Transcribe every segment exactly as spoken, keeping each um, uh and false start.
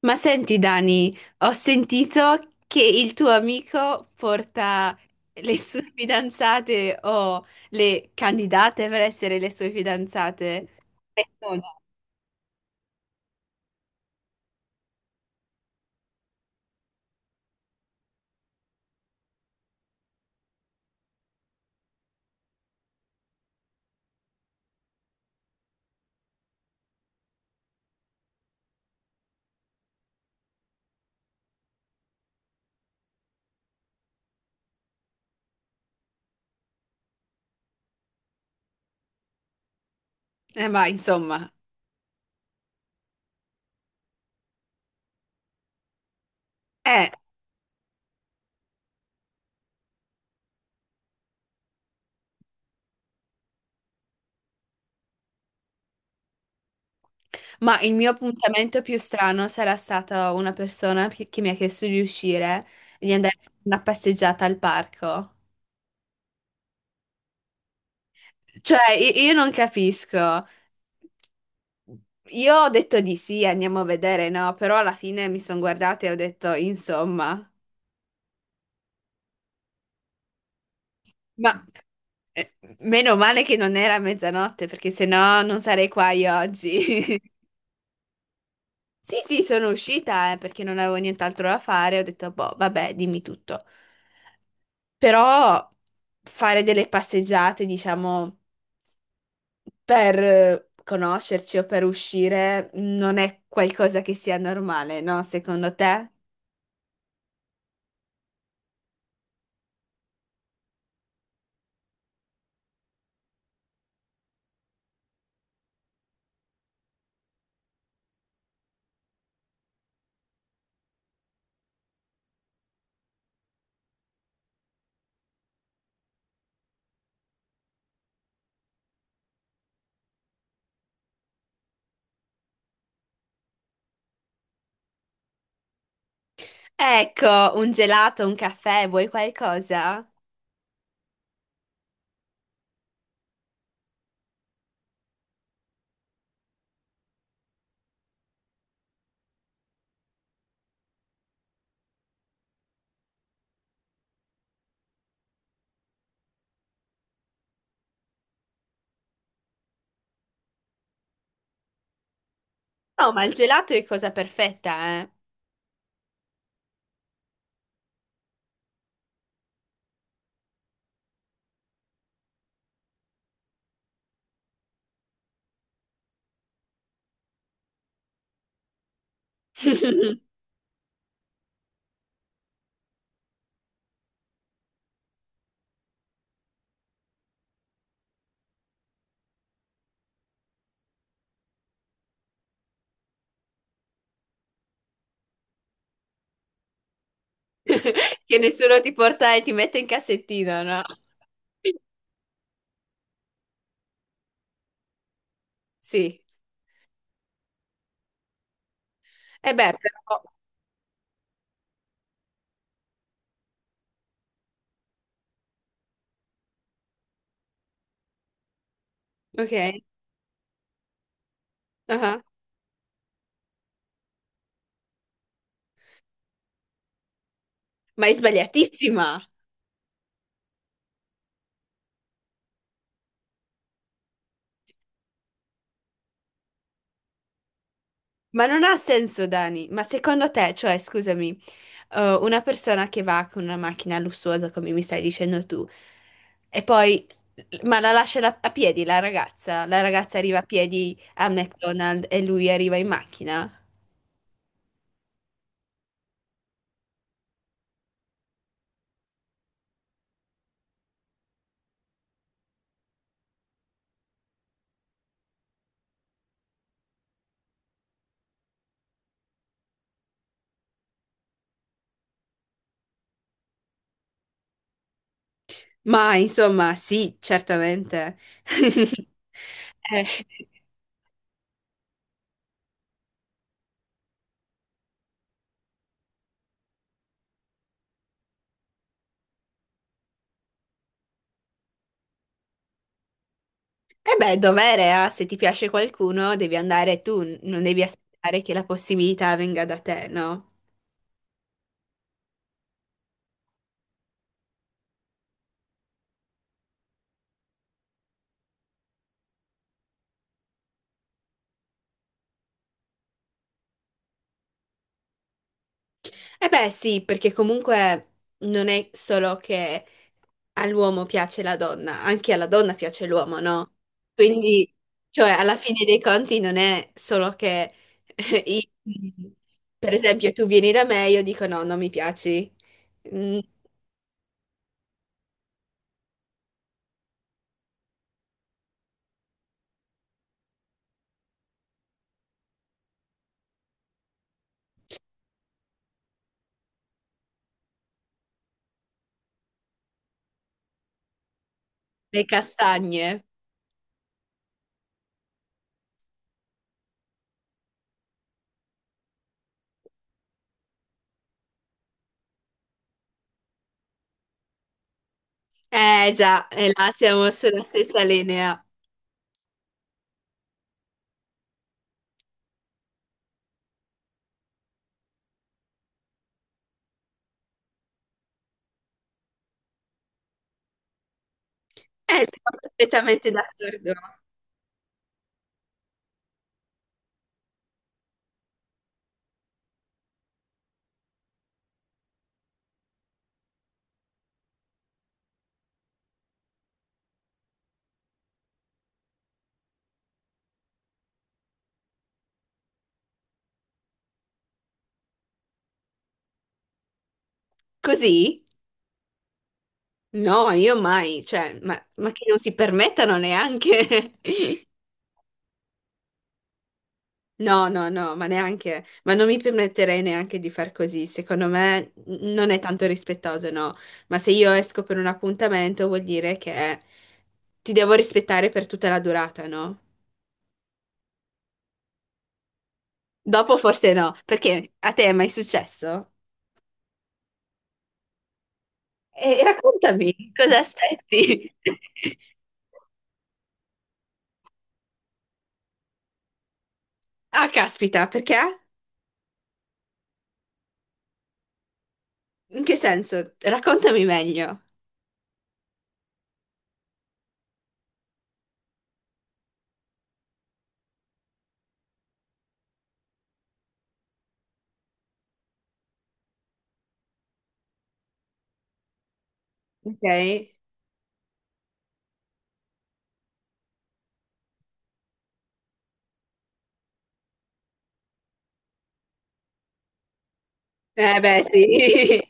Ma senti, Dani, ho sentito che il tuo amico porta le sue fidanzate o le candidate per essere le sue fidanzate. Eh, no. Eh, ma insomma, eh, ma il mio appuntamento più strano sarà stata una persona che, che mi ha chiesto di uscire, di andare a una passeggiata al parco. Cioè, i- io non capisco. Io ho detto di sì, andiamo a vedere, no? Però alla fine mi sono guardata e ho detto, insomma. Ma eh, meno male che non era mezzanotte, perché sennò non sarei qua io oggi. Sì, sì, sono uscita, eh, perché non avevo nient'altro da fare. Ho detto, boh, vabbè, dimmi tutto. Però fare delle passeggiate, diciamo, per eh, conoscerci o per uscire non è qualcosa che sia normale, no? Secondo te? Ecco, un gelato, un caffè, vuoi qualcosa? No, ma il gelato è cosa perfetta, eh. Che nessuno ti porta e ti mette in cassettino, no? Sì. E beh, però... Ok. Ah. Ma è sbagliatissima! Ma non ha senso, Dani. Ma secondo te, cioè, scusami, eh, una persona che va con una macchina lussuosa, come mi stai dicendo tu, e poi... Ma la lascia la- a piedi la ragazza? La ragazza arriva a piedi a McDonald's e lui arriva in macchina? Ma insomma, sì, certamente. Eh. E beh, dovere, eh? Se ti piace qualcuno, devi andare tu, n- non devi aspettare che la possibilità venga da te, no? E beh, sì, perché comunque non è solo che all'uomo piace la donna, anche alla donna piace l'uomo, no? Quindi, cioè, alla fine dei conti non è solo che, eh, i- per esempio, tu vieni da me e io dico no, non mi piaci. Mm, le castagne. Eh già, e là siamo sulla stessa linea. Eh, sono perfettamente d'accordo. Così? No, io mai, cioè, ma, ma che non si permettano neanche. No, no, no, ma neanche, ma non mi permetterei neanche di far così. Secondo me n- non è tanto rispettoso, no. Ma se io esco per un appuntamento vuol dire che ti devo rispettare per tutta la durata, no? Dopo forse no, perché a te è mai successo? E raccontami, cosa aspetti? Ah, caspita, perché? In che senso? Raccontami meglio, ok? Eh beh, sì.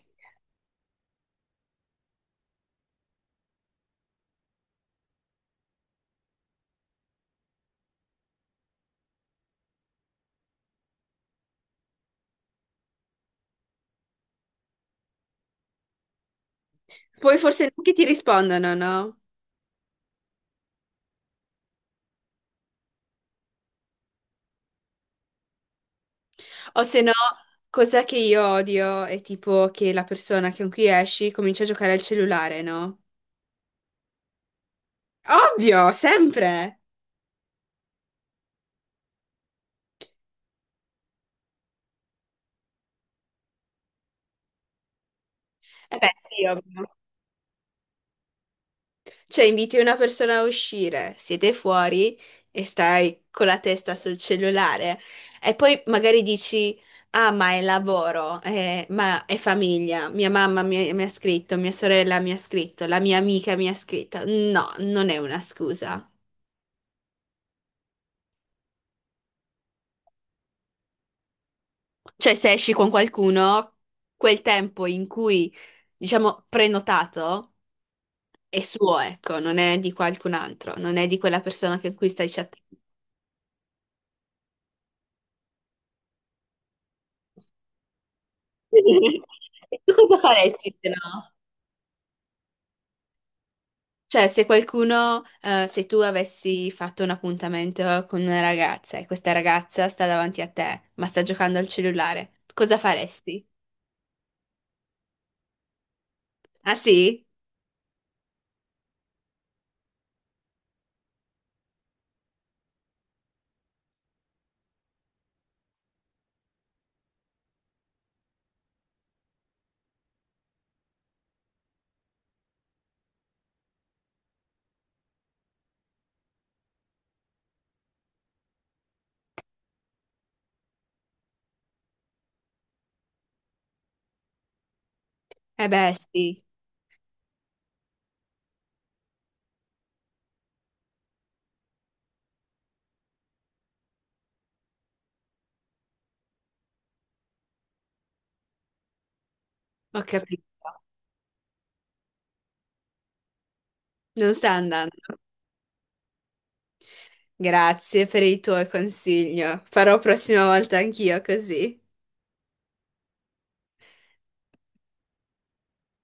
Poi forse neanche ti rispondono, no? O se no, cos'è che io odio è tipo che la persona che con cui esci comincia a giocare al cellulare, no? Ovvio, sempre. Eh beh, sì, ovvio. Cioè, inviti una persona a uscire, siete fuori e stai con la testa sul cellulare e poi magari dici, ah, ma è lavoro, eh, ma è famiglia, mia mamma mi, mi ha scritto, mia sorella mi ha scritto, la mia amica mi ha scritto. No, non è una scusa. Cioè, se esci con qualcuno, quel tempo in cui, diciamo, prenotato è suo, ecco, non è di qualcun altro, non è di quella persona con cui stai chattando. E tu cosa faresti se no? Cioè, se qualcuno, eh, se tu avessi fatto un appuntamento con una ragazza e questa ragazza sta davanti a te, ma sta giocando al cellulare, cosa faresti? Ah sì? Eh beh, sì, ho capito. Non sta andando. Grazie per il tuo consiglio. Farò prossima volta anch'io così.